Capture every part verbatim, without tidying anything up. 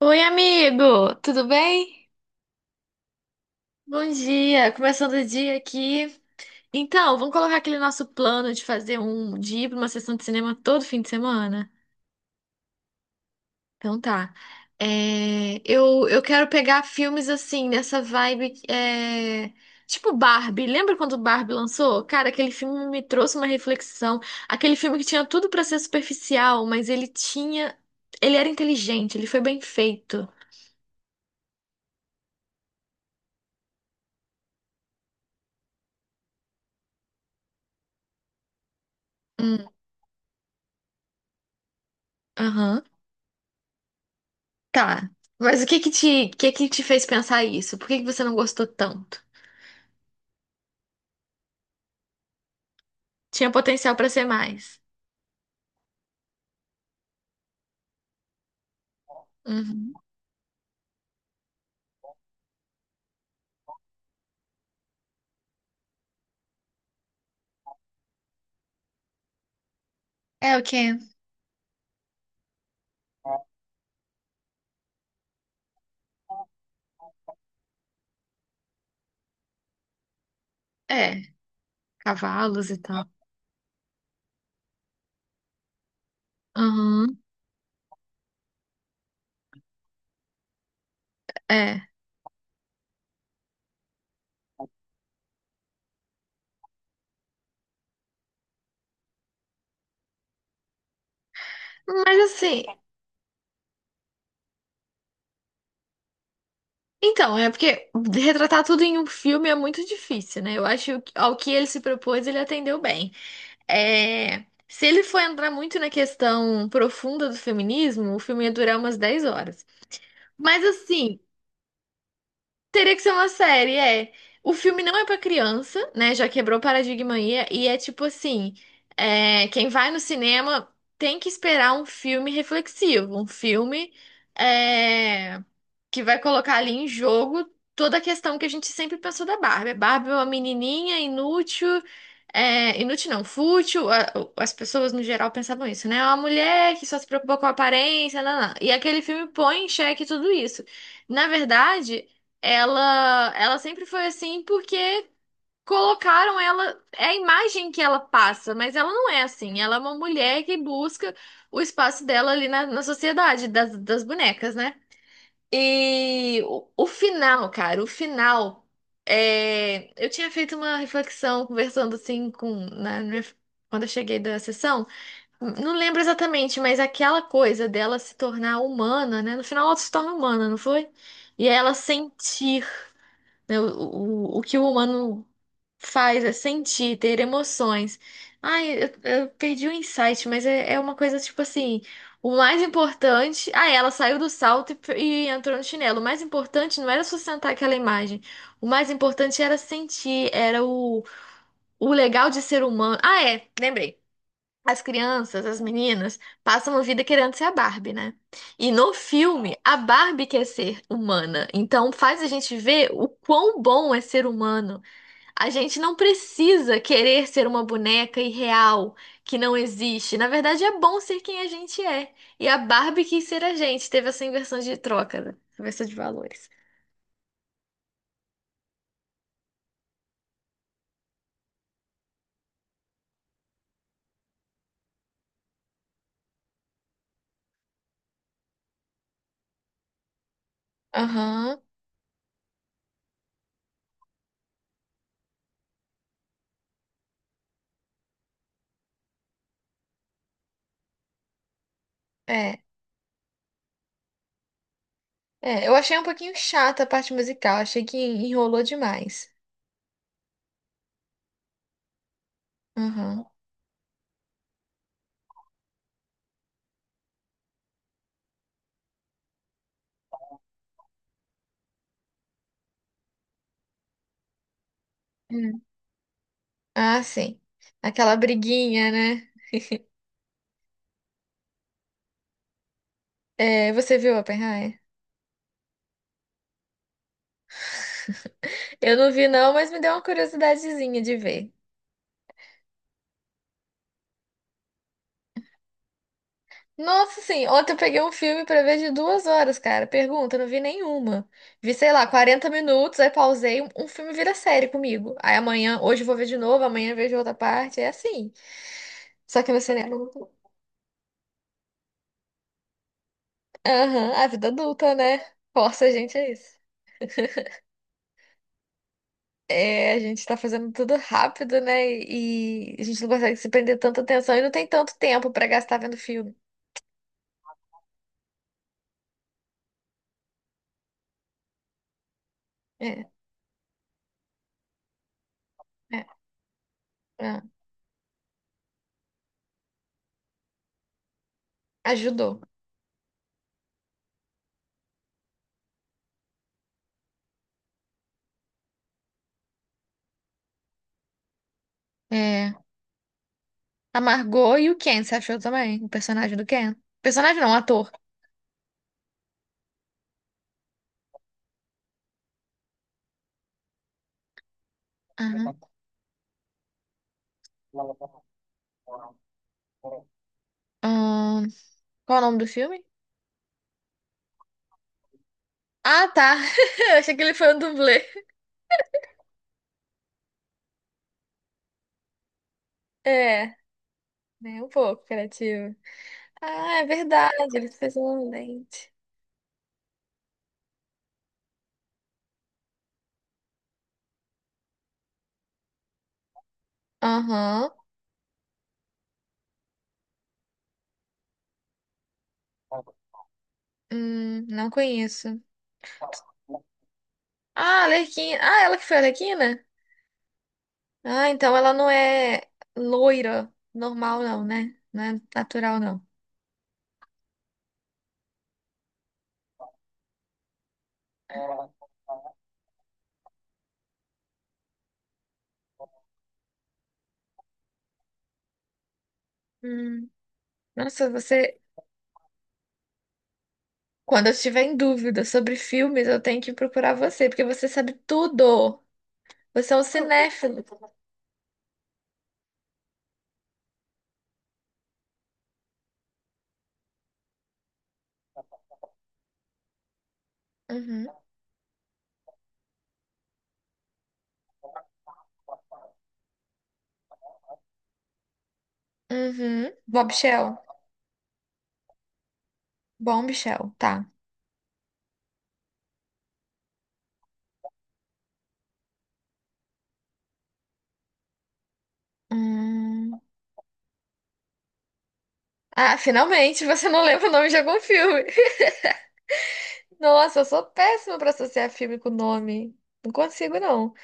Oi, amigo, tudo bem? Bom dia, começando o dia aqui. Então, vamos colocar aquele nosso plano de fazer um de ir para uma sessão de cinema todo fim de semana? Então tá. É, eu, eu quero pegar filmes assim, nessa vibe, é, tipo Barbie. Lembra quando Barbie lançou? Cara, aquele filme me trouxe uma reflexão. Aquele filme que tinha tudo para ser superficial, mas ele tinha. Ele era inteligente, ele foi bem feito. Hum. Aham. Tá. Mas o que que te, o que que te fez pensar isso? Por que que você não gostou tanto? Tinha potencial pra ser mais. Uhum. É o quê? É, cavalos e tal. Uhum, é. Mas assim, então, é porque retratar tudo em um filme é muito difícil, né? Eu acho que ao que ele se propôs, ele atendeu bem. É, se ele for entrar muito na questão profunda do feminismo, o filme ia durar umas dez horas. Mas assim, teria que ser uma série, é. O filme não é pra criança, né? Já quebrou o paradigma aí. E é tipo assim: é, quem vai no cinema tem que esperar um filme reflexivo, um filme é, que vai colocar ali em jogo toda a questão que a gente sempre pensou da Barbie. A Barbie é uma menininha inútil, é, inútil não, fútil. A- as pessoas no geral pensavam isso, né? É uma mulher que só se preocupa com a aparência, não, não. E aquele filme põe em xeque tudo isso. Na verdade. Ela, ela sempre foi assim porque colocaram ela, é a imagem que ela passa, mas ela não é assim. Ela é uma mulher que busca o espaço dela ali na, na sociedade das, das bonecas, né? E o, o final, cara, o final. é, eu tinha feito uma reflexão conversando assim com na, minha- quando eu cheguei da sessão. Não lembro exatamente, mas aquela coisa dela se tornar humana, né? No final ela se torna humana, não foi? E ela sentir, né. O, o, o que o humano faz é sentir, ter emoções. Ai, eu, eu perdi o insight, mas é, é uma coisa tipo assim: o mais importante. Ah, ela saiu do salto e, e entrou no chinelo. O mais importante não era sustentar aquela imagem. O mais importante era sentir, era o, o legal de ser humano. Ah, é, lembrei. As crianças, as meninas, passam a vida querendo ser a Barbie, né? E no filme, a Barbie quer ser humana. Então faz a gente ver o quão bom é ser humano. A gente não precisa querer ser uma boneca irreal, que não existe. Na verdade, é bom ser quem a gente é. E a Barbie quis ser a gente. Teve essa inversão de troca, né? Inversão de valores. Aham, é. É, eu achei um pouquinho chata a parte musical. Achei que enrolou demais. Aham. Ah, sim. Aquela briguinha, né? É, você viu Oppenheimer? Eu não vi não, mas me deu uma curiosidadezinha de ver. Nossa, sim, ontem eu peguei um filme pra ver de duas horas, cara. Pergunta, eu não vi nenhuma. Vi, sei lá, quarenta minutos, aí pausei, um um filme vira série comigo. Aí amanhã, hoje eu vou ver de novo, amanhã eu vejo outra parte, é assim. Só que no cinema... Aham, a vida adulta, né? Força a gente a isso. É, a gente tá fazendo tudo rápido, né? E a gente não consegue se prender tanta atenção e não tem tanto tempo pra gastar vendo filme. É, é, é. Ajudou. É. A Margot e o Ken, você achou também? O personagem do Ken? Personagem não, ator. Aham. Ahn, qual é o nome do filme? Ah, tá. Eu achei que ele foi um dublê. É, nem um pouco criativo. Ah, é verdade, ele fez um lente. Aham. Hum, não conheço. Ah, Alequina. Ah, ela que foi a Alequina? Ah, então ela não é loira normal, não, né? Não é natural, não. Hum. Nossa, você. Quando eu estiver em dúvida sobre filmes, eu tenho que procurar você, porque você sabe tudo. Você é um cinéfilo. Uhum. Uhum. Bob Shell. Bom, Michel, tá. Hum. Ah, finalmente você não lembra o nome de algum filme. Nossa, eu sou péssima pra associar filme com nome. Não consigo, não.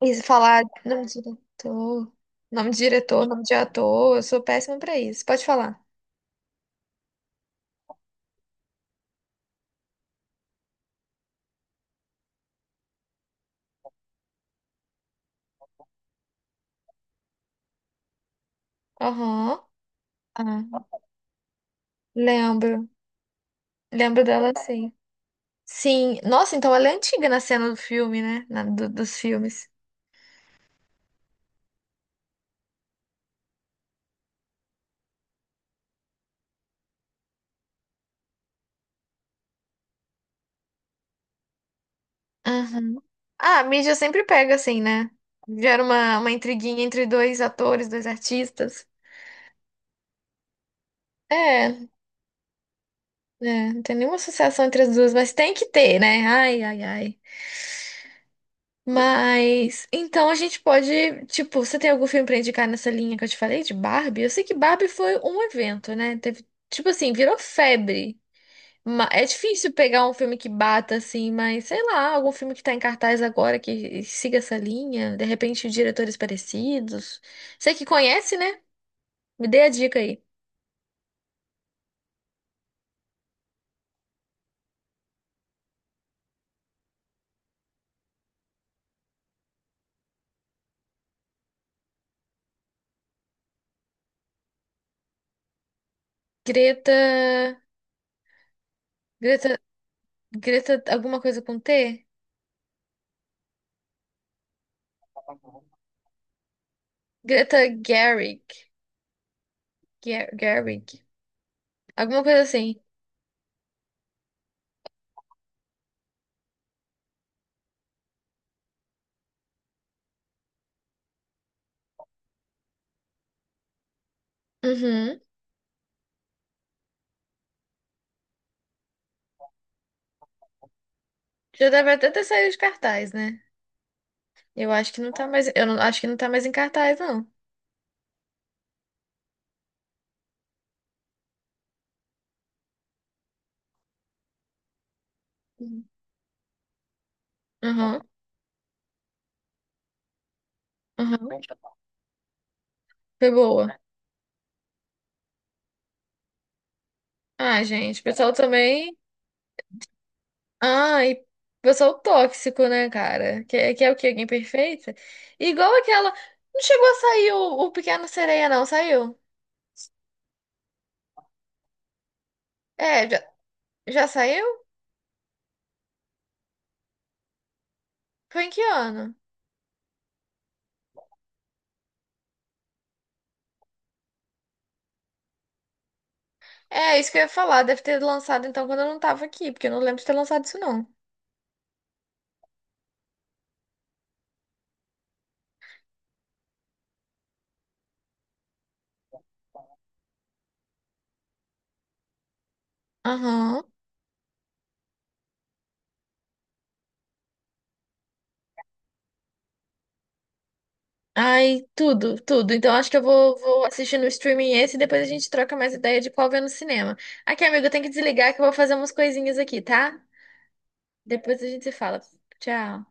E falar nome de diretor, nome de diretor, nome de ator, eu sou péssima pra isso. Pode falar. Aham. Ah, lembro. Lembro dela sim. Sim. Nossa, então ela é antiga na cena do filme, né? Na- do- dos filmes. Aham. Ah, a mídia sempre pega assim, né? Gera uma, uma intriguinha entre dois atores, dois artistas. É, é, não tem nenhuma associação entre as duas, mas tem que ter, né? Ai, ai, ai. Mas então a gente pode, tipo, você tem algum filme pra indicar nessa linha que eu te falei de Barbie? Eu sei que Barbie foi um evento, né? Teve, tipo assim, virou febre. Ma- É difícil pegar um filme que bata assim, mas sei lá, algum filme que tá em cartaz agora que siga essa linha, de repente diretores parecidos. Você que conhece, né? Me dê a dica aí. Greta, Greta, Greta, alguma coisa com T? Greta Gerwig, Ger- Gerwig, alguma coisa assim. Uhum. Já deve até ter saído de cartaz, né? Eu acho que não tá mais. Eu não, acho que não tá mais em cartaz, não. Uhum. Aham, aham. Foi boa. Ah, gente, o pessoal também. Ah, e pessoal tóxico, né, cara? Que, é- que é o quê? Alguém perfeita? Igual aquela. Não chegou a sair o, o Pequeno Sereia, não, saiu. É, já, já saiu? Foi em que ano? É, isso que eu ia falar. Deve ter lançado então quando eu não tava aqui, porque eu não lembro de ter lançado isso, não. Aham. Ai, tudo, tudo. Então acho que eu vou, vou assistir no streaming esse e depois a gente troca mais ideia de qual ver no cinema. Aqui, amigo, eu tenho que desligar que eu vou fazer umas coisinhas aqui, tá? Depois a gente se fala. Tchau.